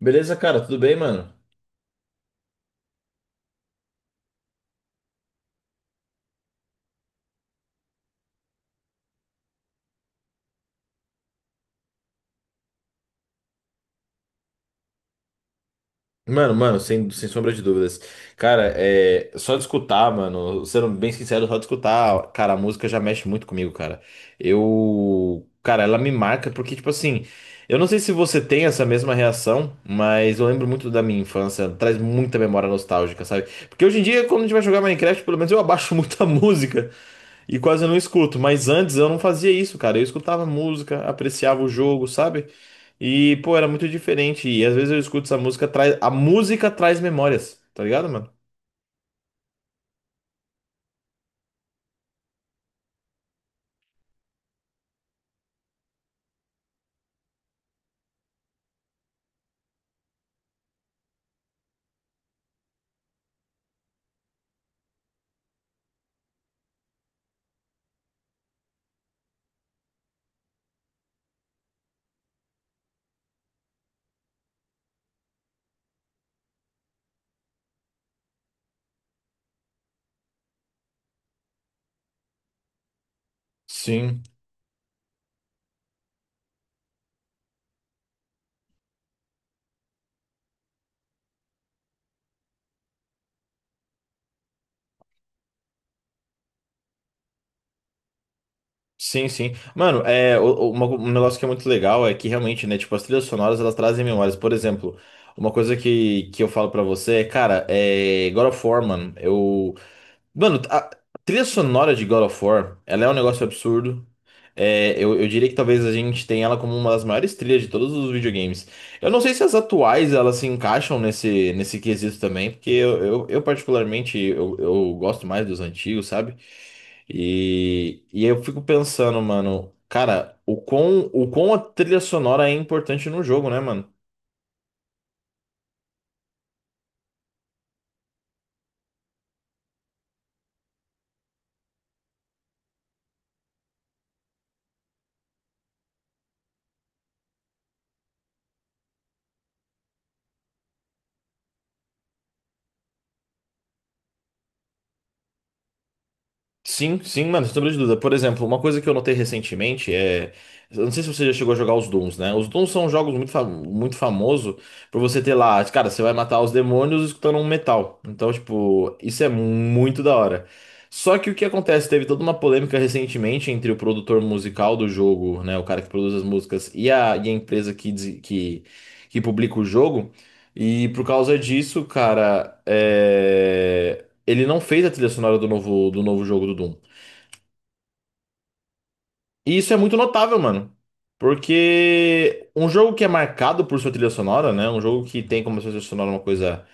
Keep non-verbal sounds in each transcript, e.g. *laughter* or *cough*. Beleza, cara, tudo bem, mano? Mano, sem sombra de dúvidas. Cara, é só de escutar, mano, sendo bem sincero, só de escutar, cara, a música já mexe muito comigo, cara. Eu, cara, ela me marca porque, tipo assim, eu não sei se você tem essa mesma reação, mas eu lembro muito da minha infância, traz muita memória nostálgica, sabe? Porque hoje em dia, quando a gente vai jogar Minecraft, pelo menos eu abaixo *laughs* muito a música, e quase não escuto, mas antes eu não fazia isso, cara. Eu escutava música, apreciava o jogo, sabe? E, pô, era muito diferente. E às vezes eu escuto essa música, traz a música traz memórias, tá ligado, mano? Sim, sim, sim. Mano, é, um negócio que é muito legal é que realmente, né, tipo, as trilhas sonoras, elas trazem memórias. Por exemplo, uma coisa que eu falo pra você é, cara, é God of War, mano, eu, mano, a trilha sonora de God of War, ela é um negócio absurdo. É, eu diria que talvez a gente tenha ela como uma das maiores trilhas de todos os videogames. Eu não sei se as atuais elas se encaixam nesse, nesse quesito também, porque eu particularmente eu gosto mais dos antigos, sabe? E eu fico pensando, mano, cara, o quão a trilha sonora é importante no jogo, né, mano? Sim, sim, mano, sem sombra de dúvida. Por exemplo, uma coisa que eu notei recentemente é. Eu não sei se você já chegou a jogar os Dooms, né? Os Dooms são jogos muito, fam muito famosos por você ter lá, cara, você vai matar os demônios escutando um metal. Então, tipo, isso é muito da hora. Só que o que acontece? Teve toda uma polêmica recentemente entre o produtor musical do jogo, né? O cara que produz as músicas e a empresa que, que publica o jogo. E por causa disso, cara, é. Ele não fez a trilha sonora do novo jogo do Doom. E isso é muito notável, mano. Porque um jogo que é marcado por sua trilha sonora, né? Um jogo que tem como sua trilha sonora uma coisa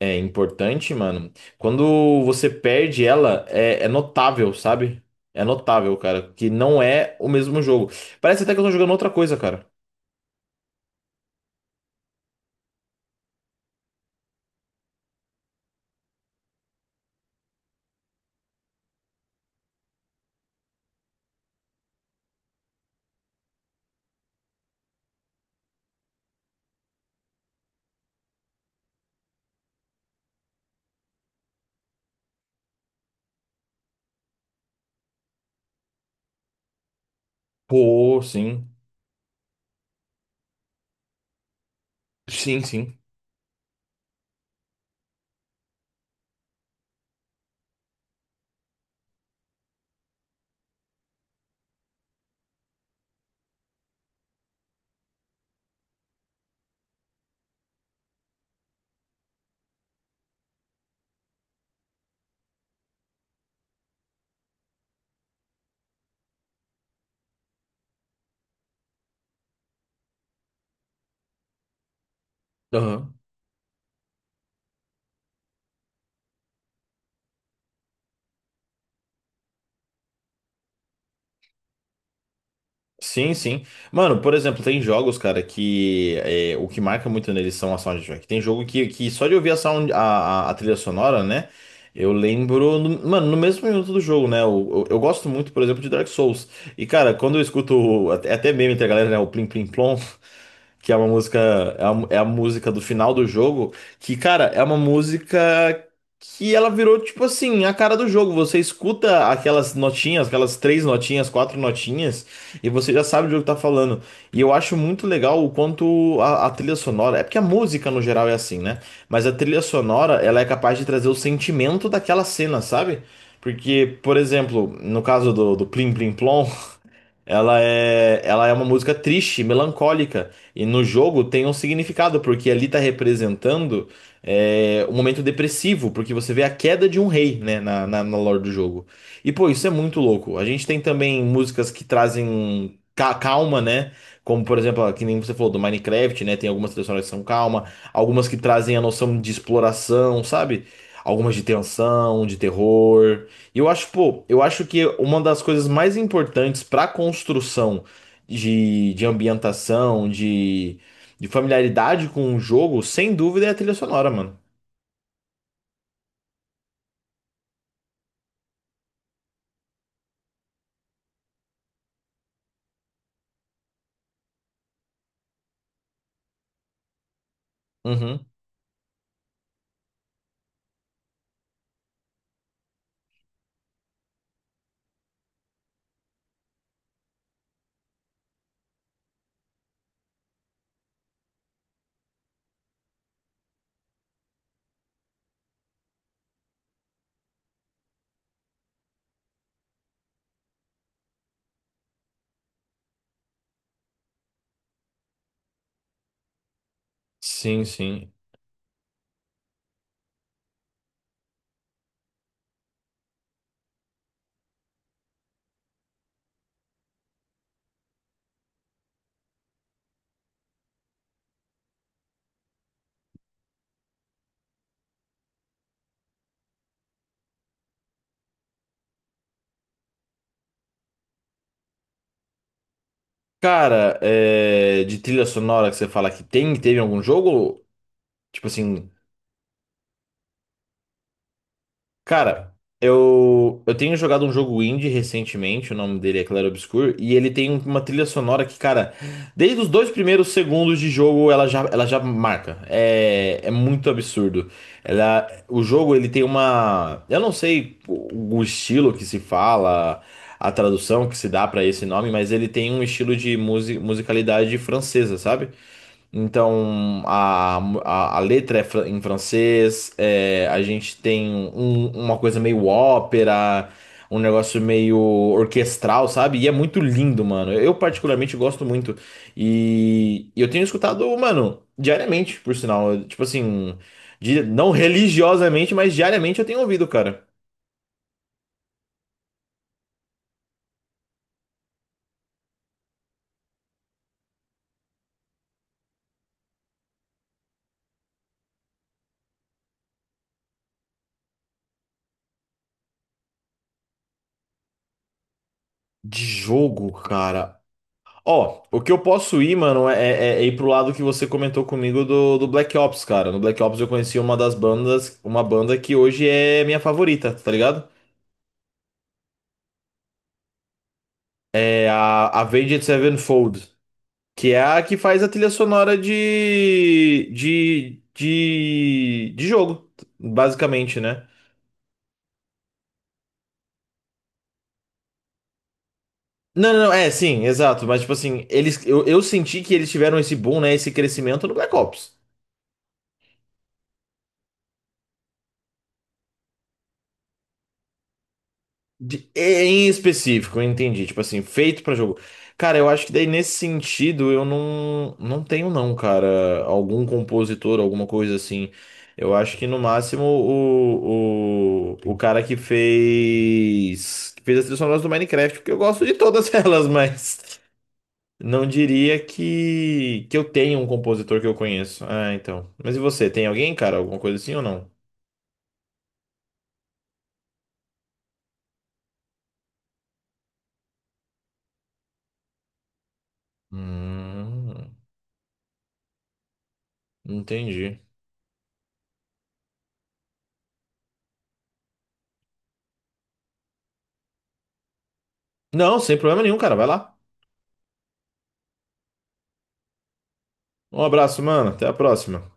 é, importante, mano. Quando você perde ela, é, é notável, sabe? É notável, cara. Que não é o mesmo jogo. Parece até que eu tô jogando outra coisa, cara. Pô, sim. Sim, sim. Aham. Sim, sim. Mano, por exemplo, tem jogos, cara, que é, o que marca muito neles são a soundtrack. Tem jogo que só de ouvir a, sound, a trilha sonora, né? Eu lembro, no- mano, no mesmo minuto do jogo, né? Eu gosto muito, por exemplo, de Dark Souls. E, cara, quando eu escuto, o- até meme entre a galera, né? O Plim Plim Plom que é uma música, é a, é a música do final do jogo, que, cara, é uma música que ela virou, tipo assim, a cara do jogo. Você escuta aquelas notinhas, aquelas três notinhas, quatro notinhas, e você já sabe do jogo que tá falando. E eu acho muito legal o quanto a trilha sonora, é porque a música no geral é assim, né? Mas a trilha sonora, ela é capaz de trazer o sentimento daquela cena, sabe? Porque, por exemplo, no caso do, do Plim Plim Plom, ela é uma música triste, melancólica, e no jogo tem um significado, porque ali tá representando é, um momento depressivo, porque você vê a queda de um rei, né, na lore do jogo. E pô, isso é muito louco. A gente tem também músicas que trazem calma, né, como por exemplo, ó, que nem você falou do Minecraft, né, tem algumas trilhas sonoras que são calma, algumas que trazem a noção de exploração, sabe? Algumas de tensão, de terror. Eu acho, pô, eu acho que uma das coisas mais importantes para construção de ambientação, de familiaridade com o jogo, sem dúvida, é a trilha sonora, mano. Uhum. Sim, sim. Cara, é, de trilha sonora que você fala que tem, teve em algum jogo? Tipo assim. Cara, eu tenho jogado um jogo indie recentemente, o nome dele é Claro Obscur, e ele tem uma trilha sonora que, cara, desde os dois primeiros segundos de jogo ela já marca. É, é muito absurdo. Ela, o jogo ele tem uma. Eu não sei o estilo que se fala, a tradução que se dá pra esse nome, mas ele tem um estilo de musicalidade francesa, sabe? Então, a letra é em francês, é, a gente tem uma coisa meio ópera, um negócio meio orquestral, sabe? E é muito lindo, mano. Eu particularmente gosto muito. E eu tenho escutado, mano, diariamente, por sinal. Eu, tipo assim, não religiosamente, mas diariamente eu tenho ouvido, cara. De jogo, cara. Ó, o que eu posso ir, mano, é, é ir pro lado que você comentou comigo do, do Black Ops, cara. No Black Ops eu conheci uma das bandas, uma banda que hoje é minha favorita, tá ligado? É a Avenged Sevenfold, que é a que faz a trilha sonora de jogo, basicamente, né? Não, não, não, é, sim, exato, mas tipo assim, eles, eu senti que eles tiveram esse boom, né, esse crescimento no Black Ops. De- em específico, eu entendi. Tipo assim, feito pra jogo. Cara, eu acho que daí nesse sentido eu não, não tenho, não, cara. Algum compositor, alguma coisa assim. Eu acho que no máximo o cara que fez. Que fez as trilhas sonoras do Minecraft, porque eu gosto de todas *laughs* elas, mas não diria que eu tenho um compositor que eu conheço. Ah, então. Mas e você, tem alguém, cara? Alguma coisa assim ou não? Hum, entendi. Não, sem problema nenhum, cara. Vai lá. Um abraço, mano. Até a próxima.